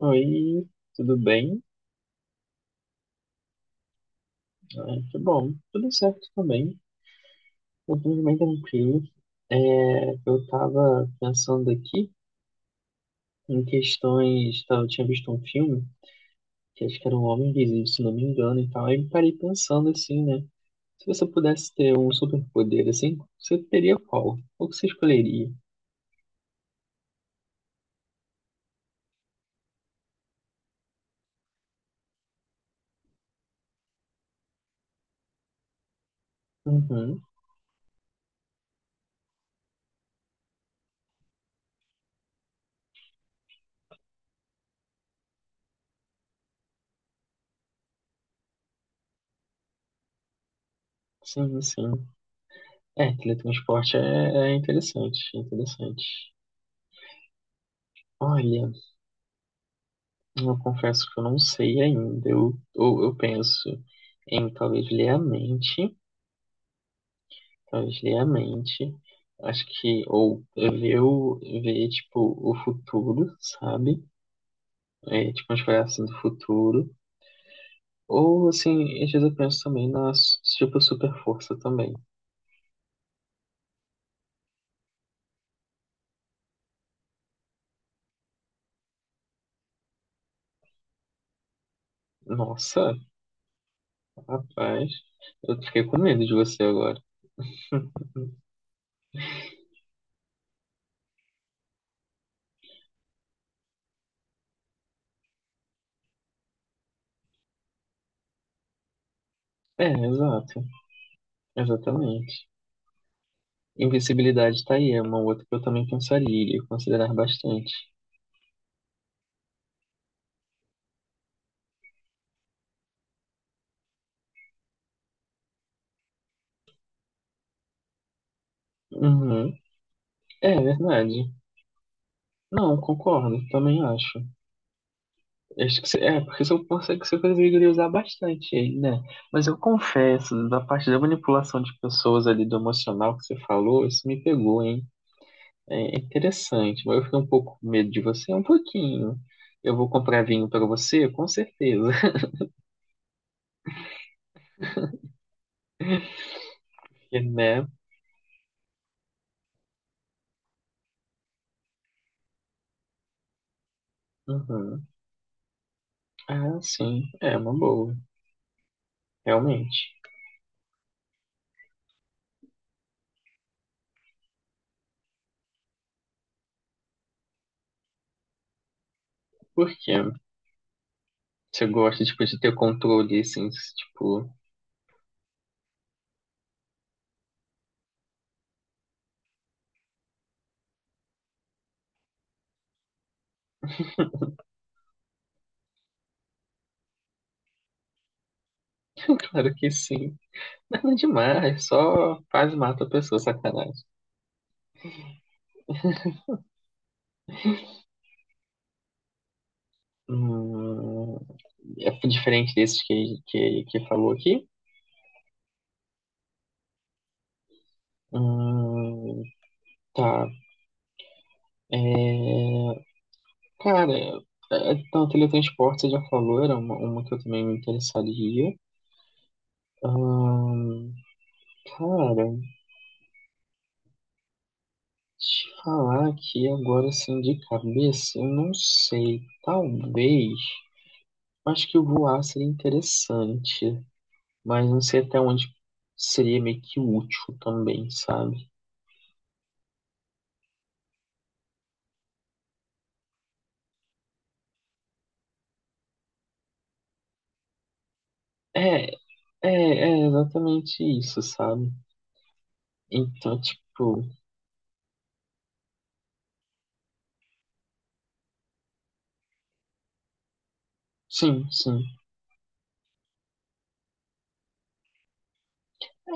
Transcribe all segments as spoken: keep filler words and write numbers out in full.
Oi, tudo bem? Ah, que bom, tudo certo também. Eu tô bem tranquilo. É, eu tava pensando aqui em questões. Tá, eu tinha visto um filme, que acho que era um Homem Invisível, se não me engano, e tal. Aí me parei pensando assim, né? Se você pudesse ter um superpoder assim, você teria qual? Qual que você escolheria? Uhum, sim, sim. É, teletransporte é, é interessante, é interessante. Olha. Eu confesso que eu não sei ainda. Eu, ou eu penso em talvez ler a mente, talvez ler a mente. Acho que, ou ver, o, ver tipo, o futuro, sabe? É, tipo, uma espécie assim do futuro. Ou, assim, às vezes eu penso também na, tipo, super força também. Nossa, rapaz, eu fiquei com medo de você agora. É, exato, exatamente. Invisibilidade tá aí, é uma outra que eu também pensaria e considerar bastante. Uhum. É verdade. Não, concordo, também acho. Acho que cê- é, porque se eu pensei que você conseguiria usar bastante ele, né? Mas eu confesso, da parte da manipulação de pessoas ali do emocional que você falou, isso me pegou, hein? É interessante, mas eu fiquei um pouco com medo de você, um pouquinho. Eu vou comprar vinho pra você, com certeza. Porque, né? Uhum. Ah, sim, é uma boa, realmente. Por quê? Você gosta, tipo, de ter controle, assim, tipo, claro que sim. Nada demais, só quase mata a pessoa, sacanagem. Hum, é diferente desses que, que, que falou aqui. Hum, tá. É, cara, é, então, teletransporte você já falou, era uma, uma que eu também me interessaria. Hum, cara, te falar aqui agora assim de cabeça, eu não sei. Talvez. Acho que voar seria interessante. Mas não sei até onde seria meio que útil também, sabe? É, é, é exatamente isso, sabe? Então, tipo, sim, sim.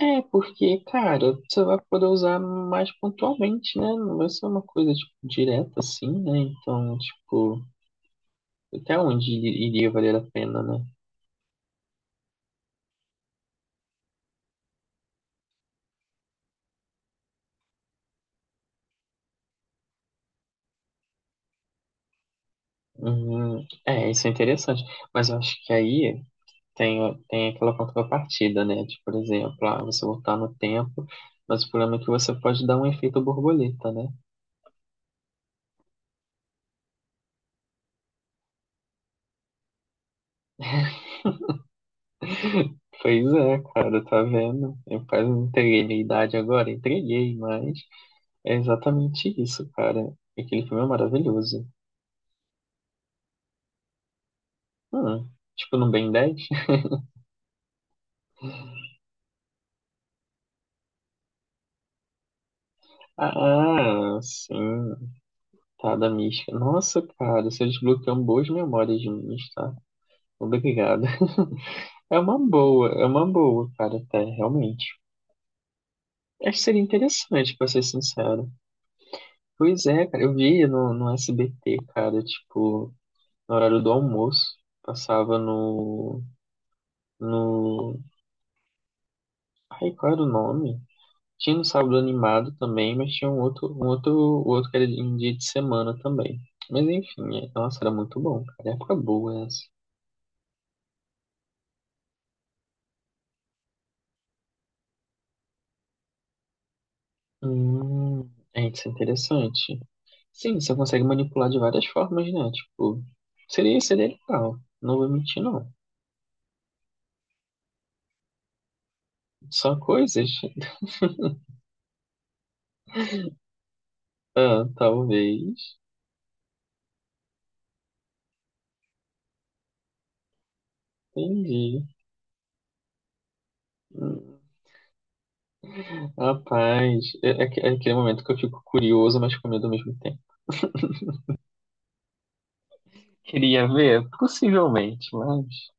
É, porque, cara, você vai poder usar mais pontualmente, né? Não vai ser uma coisa, tipo, direta assim, né? Então, tipo, até onde iria valer a pena, né? Uhum. É, isso é interessante. Mas eu acho que aí. é Tem, tem aquela contrapartida, né? Tipo, por exemplo, ah, você voltar no tempo, mas o problema é que você pode dar um efeito borboleta, né? Pois é, cara, tá vendo? Eu quase não entreguei minha idade agora, entreguei, mas é exatamente isso, cara. Aquele filme é maravilhoso. Hum, tipo, no Ben dez? Ah, sim, tá, da mística. Nossa, cara, você desbloqueou boas memórias minhas, tá? Obrigado. É uma boa, é uma boa, cara, até, realmente. Acho que seria interessante, pra ser sincero. Pois é, cara, eu vi no, no S B T, cara, tipo, no horário do almoço, passava no, no... Ai, qual era o nome? Tinha no Sábado Animado também, mas tinha um outro, um outro, o outro que era em dia de semana também. Mas enfim, é, nossa, era muito bom, cara. Época boa essa. Hum, é, isso é interessante. Sim, você consegue manipular de várias formas, né? Tipo, seria, seria legal. Não vou mentir, não. São coisas. Ah, talvez. Entendi. Hum, Rapaz, é, é, que- é aquele momento que eu fico curioso, mas com medo ao mesmo tempo. Queria ver? Possivelmente, mas.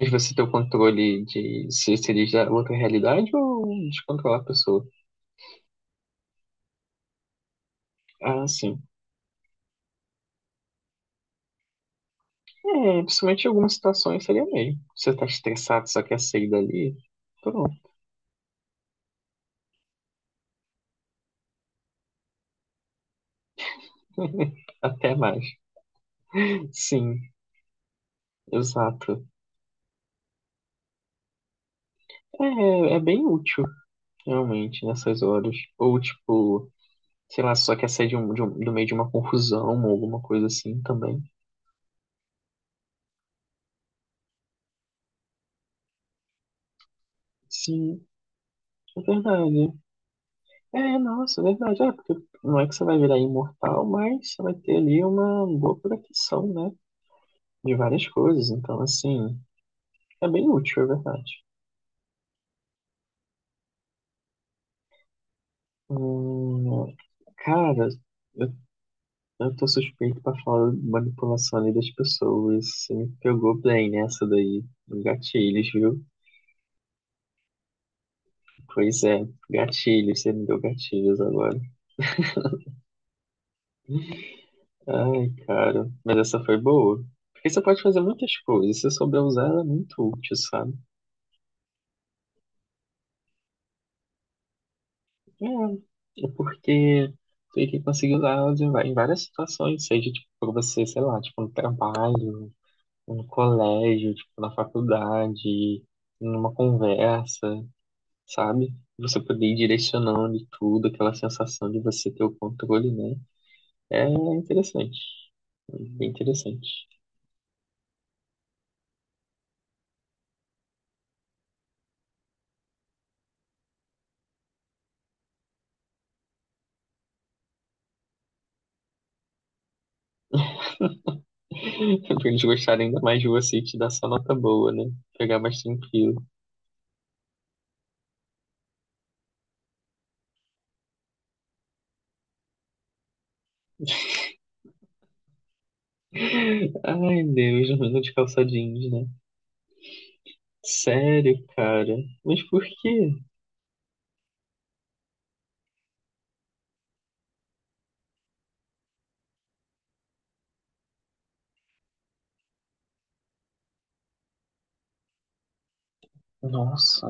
Mas você tem o controle de se seria da outra realidade ou de controlar a pessoa? Ah, sim. É, principalmente em algumas situações seria meio. Você tá estressado, só quer sair dali? Pronto. Até mais. Sim, exato. É, é bem útil, realmente, nessas horas. Ou, tipo, sei lá, só quer sair de um, de um- do meio de uma confusão ou alguma coisa assim também. Sim, é verdade. É, nossa, é verdade. É, porque não é que você vai virar imortal, mas você vai ter ali uma boa proteção, né? De várias coisas. Então, assim, é bem útil, é verdade. Hum, cara, eu, eu tô suspeito pra falar de manipulação ali das pessoas. Você me pegou bem nessa daí. Gatilhos, viu? Pois é, gatilhos, você me deu gatilhos agora. Ai, cara. Mas essa foi boa. Porque você pode fazer muitas coisas. Se souber usar, ela é muito útil, sabe? É, é porque tu tem que conseguir usar ela de va- em várias situações. Seja, tipo, pra você, sei lá, tipo, no trabalho, no colégio, tipo, na faculdade, numa conversa, sabe? Você poder ir direcionando e tudo, aquela sensação de você ter o controle, né? É interessante. Bem interessante. Pra eles gostarem ainda mais de você e te dar só nota boa, né? Pegar mais tranquilo. Ai, Deus, menino de calça jeans, né? Sério, cara. Mas por quê? Nossa.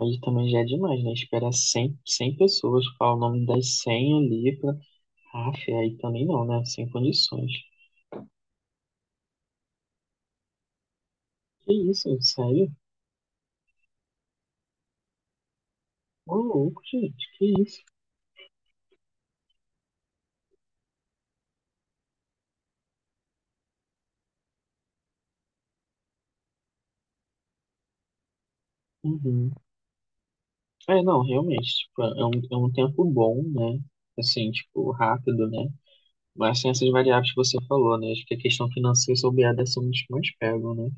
Aí também já é demais, né? Esperar cem, cem pessoas falar o nome das cem ali pra... Ah, fé, aí também não, né? Sem condições. Que isso, sério? Ô, louco, gente, que isso? Uhum. É, não, realmente, tipo, é um, é um tempo bom, né? Assim, tipo, rápido, né? Mas tem essas variáveis que você falou, né? Acho que a questão financeira e soberania são os que mais pegam, né?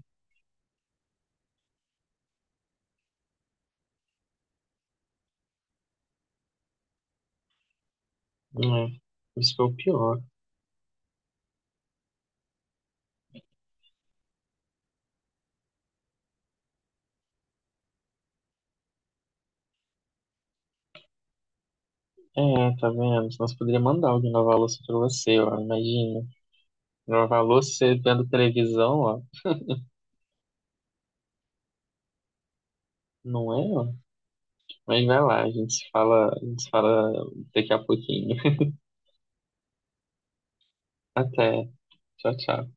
É. Isso que é o pior. É, tá vendo? Senão você poderia mandar alguém lavar a louça pra você, ó. Imagina. Lavar a louça você vendo televisão, ó. Não é, ó. Mas vai lá, a gente se fala, a gente se fala daqui a pouquinho. Até. Tchau, tchau.